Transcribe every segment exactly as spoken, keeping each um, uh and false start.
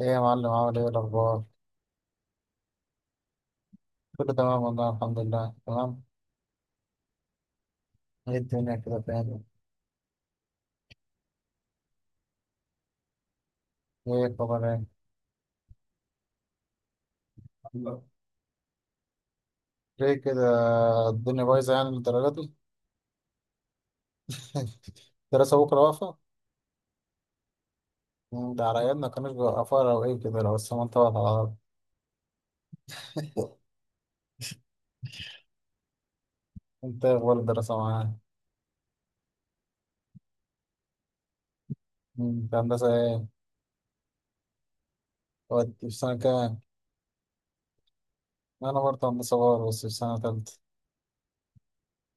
ايه يا معلم، عامل ايه؟ إيه الاخبار؟ كله تمام والله، الحمد لله تمام. ايه الدنيا كده فين؟ ايه الخبر ايه؟ ليه كده؟ الدنيا بايظه يعني للدرجه دي؟ الدراسه بكره واقفه؟ مم، ده على ايامنا ما كانوش بيوقفوها، لو ايه كده، لو السما انطبقت على الارض. انت إيه اخبار الدراسه معاك؟ مم، انت هندسه ايه؟ ودي في سنه كام؟ انا برضه هندسه بار بس في سنه تالته.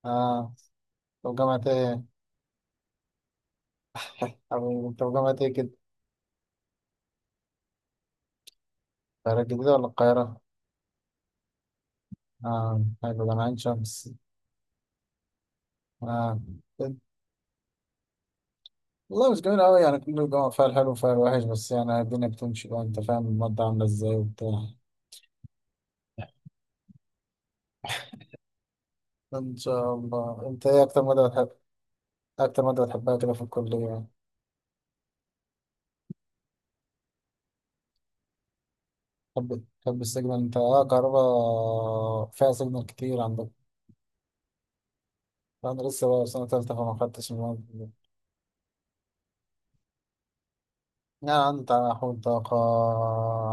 اه. طب جامعه ايه؟ حبيبي، انت في جامعه ايه كده؟ القاهره الجديده ولا القاهره؟ اه حلو، ده انا عين شمس. اه. والله مش جميل أوي يعني، كل جامعة فيها الحلو وفيها الوحش، بس يعني الدنيا بتمشي بقى. أنت فاهم المادة عاملة إزاي وبتاع. إن شاء الله. أنت إيه أكتر مادة بتحب؟ أكتر مادة بتحبها كده في الكلية؟ تحب تحب السيجنال؟ أنت أه كهربا فيها سيجنال كتير عندك. أنا لسه بقى في سنة تالتة فما خدتش المواد دي. يعني عندي تحول طاقة،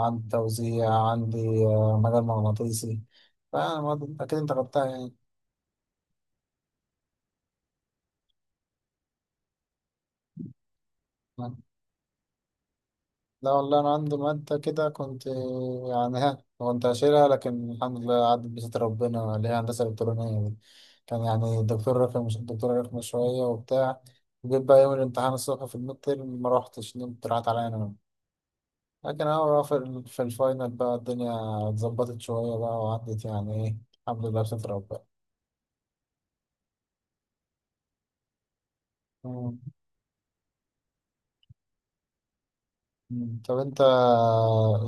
عندي توزيع، عندي آه، مجال مغناطيسي. فأنا أكيد أنت خدتها يعني. لا والله أنا عندي مادة كده كنت، يعني ها كنت هشيلها، لكن الحمد لله عدت بستر ربنا، اللي هي هندسة إلكترونية دي. كان يعني الدكتور رخم الدكتور رخم شوية وبتاع. جيت بقى يوم الامتحان الصبح في الميد تيرم ما روحتش، نمت، راحت عليا أنا. لكن أهو في ال- في الفاينل بقى الدنيا اتظبطت شوية بقى وعدت يعني إيه، الحمد لله بستر ربنا. مم. مم. طب أنت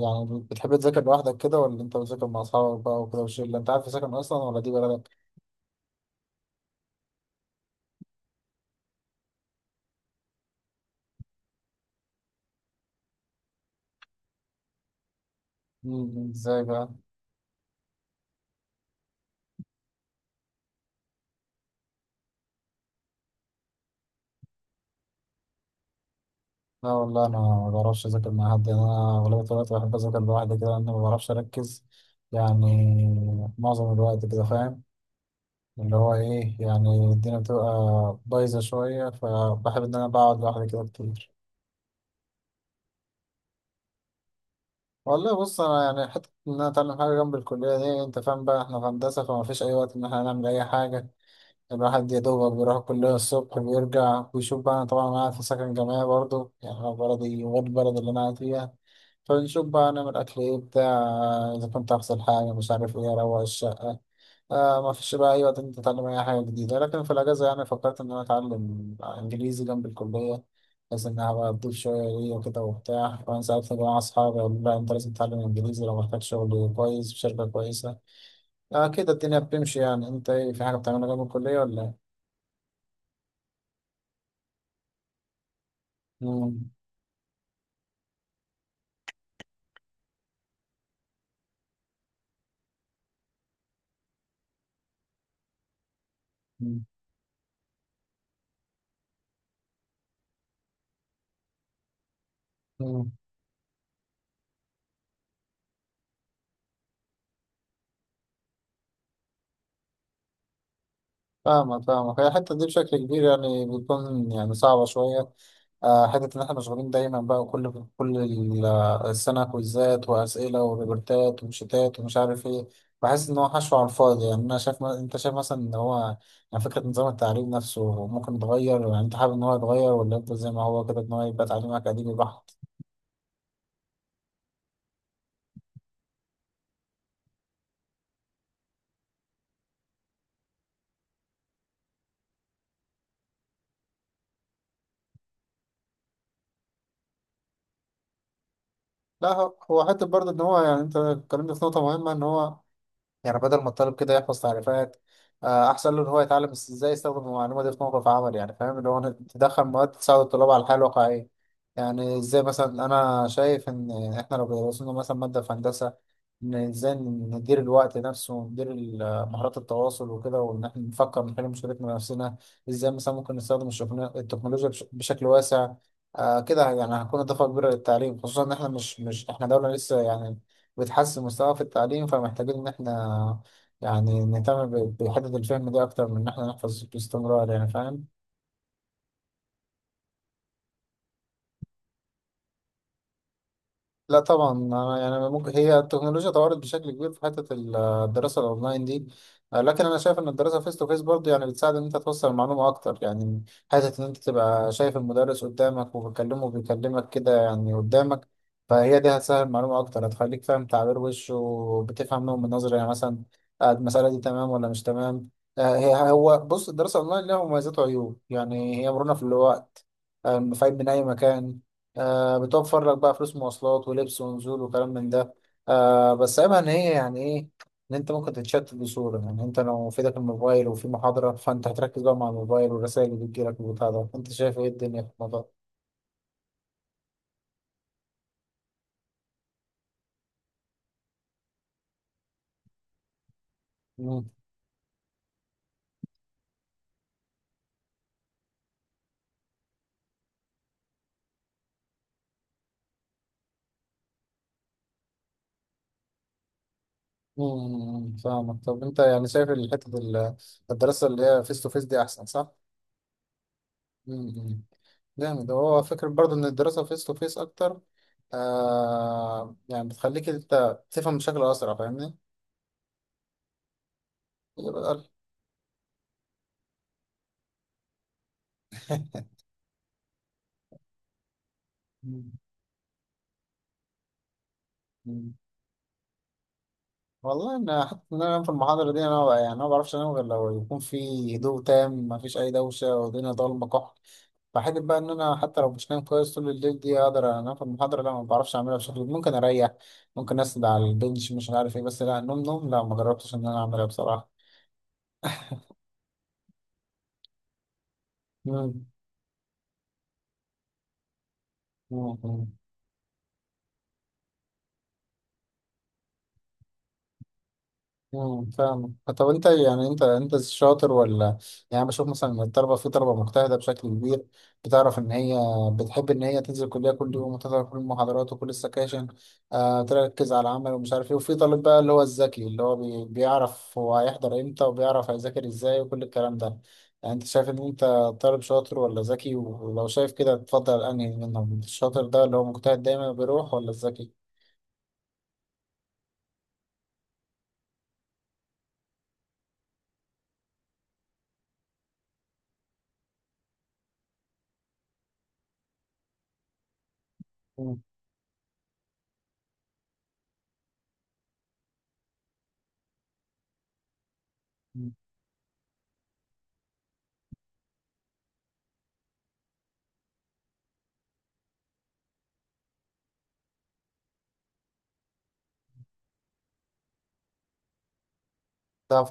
يعني بتحب تذاكر لوحدك كده ولا أنت بتذاكر مع أصحابك بقى وكده وشلة؟ أنت عارف تذاكر أصلا ولا دي بلدك؟ مم. إزاي بقى؟ لا والله انا ما بعرفش اذاكر مع حد، يعني انا اغلبيه الوقت بحب اذاكر لوحدي كده، لان ما بعرفش اركز يعني معظم الوقت كده، فاهم؟ اللي هو ايه، يعني الدنيا بتبقى بايظه شويه، فبحب ان انا بقعد لوحدي كده كتير. والله بص، انا يعني حته ان انا اتعلم حاجه جنب الكليه دي، انت فاهم بقى احنا في هندسه، فما فيش اي وقت ان احنا نعمل اي حاجه. الواحد يا دوبك بيروح الكليه الصبح، بيرجع ويشوف بقى، انا طبعا انا قاعد في سكن جامعي برضه، يعني أنا بلدي غير البلد اللي انا قاعد فيها. فنشوف بقى نعمل أكل إيه، بتاع، إذا كنت أغسل حاجة، مش عارف إيه، أروق الشقة. آه، ما فيش بقى أي وقت إنت تتعلم أي حاجة جديدة. لكن في الأجازة، يعني فكرت إن أنا أتعلم إنجليزي جنب الكلية، بحيث إنها بقى تضيف شوية ليا وكده وبتاع. وأنا ساعات مع أصحابي أقول، لا أنت لازم تتعلم إنجليزي لو محتاج شغل كويس في شركة كويسة. آه كده الدنيا بتمشي يعني. إنت إيه، في حاجة بتعملها جنب الكلية ولا إيه؟ مم. مم. فاهمك فاهمك، هي الحتة دي بشكل كبير يعني بتكون يعني صعبة شوية. آه، حتة إن إحنا مشغولين دايما بقى كل كل ال- آه، السنة، كويزات وأسئلة وريبورتات وشتات ومش عارف إيه. بحس إن هو حشو على الفاضي يعني. أنا شايف، ما أنت شايف مثلا إن هو يعني فكرة نظام التعليم نفسه ممكن يتغير؟ يعني أنت حابب إن هو يتغير ولا يفضل زي ما هو كده، إن هو يبقى تعليم أكاديمي بحت؟ لا هو هو حتة برضه إن هو، يعني أنت اتكلمت في نقطة مهمة إن هو يعني بدل ما الطالب كده يحفظ تعريفات، آه، احسن له ان هو يتعلم إز- ازاي يستخدم المعلومه دي في موقف عمل يعني. فاهم اللي هو إنك تدخل مواد تساعد الطلاب على الحياه الواقعيه. يعني ازاي مثلا، انا شايف ان احنا لو درسنا مثلا ماده في هندسه، ان ازاي ندير الوقت نفسه، وندير ال- مهارات التواصل وكده، وان احنا نفكر نحل مشكلتنا بنفسنا، ازاي مثلا ممكن نستخدم الشغل- التكنولوجيا بش- بشكل واسع. آه كده يعني هتكون اضافه كبيره للتعليم، خصوصا ان احنا مش مش احنا دوله لسه يعني بتحسن مستواه في التعليم، فمحتاجين إن إحنا يعني نهتم ب- بحتة الفهم دي أكتر من إن إحنا نحفظ باستمرار يعني، فاهم؟ لا طبعا، انا يعني ممكن هي التكنولوجيا طورت بشكل كبير في حته ال- الدراسه الاونلاين دي، آه، لكن انا شايف ان الدراسه فيس تو فيس برضه يعني بتساعد ان انت توصل المعلومه اكتر يعني. حته ان انت تبقى شايف المدرس قدامك وبتكلمه وبيكلمك كده يعني قدامك، فهي دي هتسهل المعلومه اكتر، هتخليك فاهم تعبير وشه، وبتفهم نوع من نظره يعني مثلا آه، المساله دي تمام ولا مش تمام. آه، هي هو بص، الدراسه الاونلاين لها مميزات وعيوب يعني، هي مرونه في الوقت، آه، فايد من اي مكان، آه بتوفر لك بقى فلوس مواصلات ولبس ونزول وكلام من ده. آه بس عيبها ان هي يعني ايه، ان انت ممكن تتشتت بصورة يعني، انت لو في ايدك الموبايل وفي محاضرة فانت هتركز بقى مع الموبايل والرسائل اللي بتجيلك والبتاع ده. انت شايف ايه الدنيا في الموضوع ده؟ مم، مم، فاهمك. طب انت يعني شايف الحتة ال- الدراسة اللي هي فيس تو فيس دي احسن، صح؟ مم، مم. جامد. هو فكرة برضه ان الدراسة فيس تو فيس اكتر آه يعني بتخليك انت تفهم بشكل اسرع، فاهمني؟ يبقى- أقل. مم. والله انا حتى ان انا انام في المحاضره دي، انا يعني انا ما بعرفش انام غير لو يكون في هدوء تام، ما فيش اي دوشه والدنيا ضلمه كحل. فحته بقى ان انا حتى لو مش نايم كويس طول الليل دي اقدر انام في المحاضره، لا ما بعرفش اعملها. بشكل ممكن اريح، ممكن اسند على البنش، مش عارف ايه، بس لا نوم نوم لا، ما جربتش ان انا اعملها بصراحه. مم. مم. امم فاهم. طب انت يعني انت انت شاطر ولا، يعني أنا بشوف مثلا ان الطلبه، في طلبه مجتهده بشكل كبير، بتعرف ان هي بتحب ان هي تنزل الكليه كل يوم وتحضر كل المحاضرات وكل السكاشن، آه تركز على العمل ومش عارف ايه. وفي طالب بقى اللي هو الذكي، اللي هو بي بيعرف هو هيحضر امتى وبيعرف هيذاكر ازاي وكل الكلام ده. يعني انت شايف ان انت طالب شاطر ولا ذكي؟ ولو شايف كده تفضل انهي منهم، الشاطر ده اللي هو مجتهد دايما بيروح ولا الذكي؟ مم. مم. ده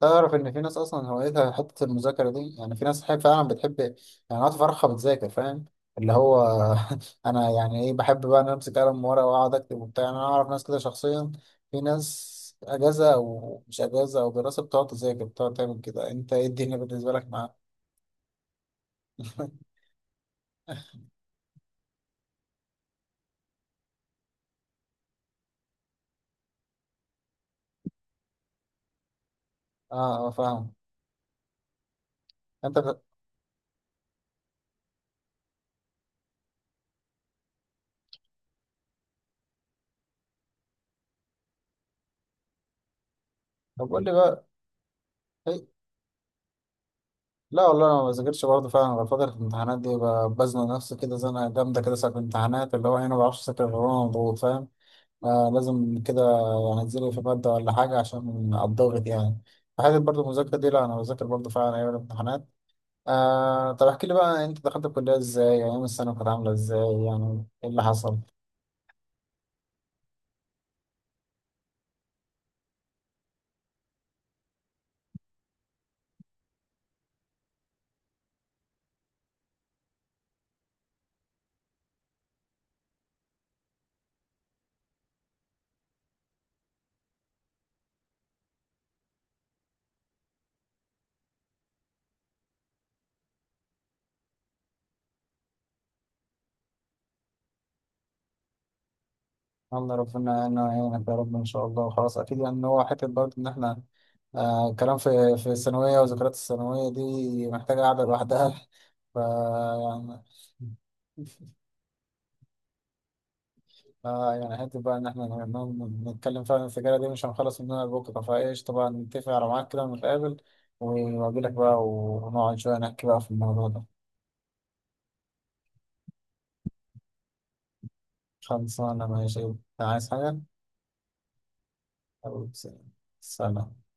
تعرف ان في ناس اصلا هوايتها حته المذاكره دي؟ يعني في ناس حي- فعلا بتحب، يعني وقت فرحها بتذاكر، فاهم؟ اللي هو انا يعني ايه، بحب بقى ان أنا امسك قلم ورقه واقعد اكتب وبتاع. يعني انا اعرف ناس كده شخصيا، في ناس اجازه او مش اجازه او دراسه بتقعد تذاكر، بتقعد تعمل كده. انت ايه الدنيا بالنسبه لك معاه؟ اه اه فاهم. انت بت... طب قول لي بقى. إيه؟ لا والله انا ما بذاكرش برضه فعلا غير فتره الامتحانات دي، ب- بزنق نفسي كده زنقه جامده كده ساعه الامتحانات اللي هو إيه، انا ما بعرفش اذاكر غير وانا مضغوط، فاهم؟ آه لازم كده هنزله في مادة ولا حاجة عشان الضغط يعني. فحته برضه المذاكرة دي، لا أنا بذاكر برضه فعلا أيام الامتحانات. آه طب احكي لي بقى، أنت دخلت الكلية إزاي؟ يعني أيام السنة كانت عاملة إزاي؟ يعني إيه اللي حصل؟ الله ربنا، أنا يعينك يا رب إن شاء الله. خلاص أكيد يعني إن هو حتة برضه إن إحنا آه كلام في في الثانوية، وذكريات الثانوية دي محتاجة قعدة لوحدها. ف يعني آه، يعني حتى بقى إن إحنا ن- ن- نتكلم فعلا، السجارة دي مش هنخلص منها بكرة، فإيش طبعا نتفق على ميعاد كده ونتقابل، وأجيلك بقى ونقعد شوية نحكي بقى في الموضوع ده. خلصانة ماشي. عايز حاجة؟ حبيبي، سلام. سلام.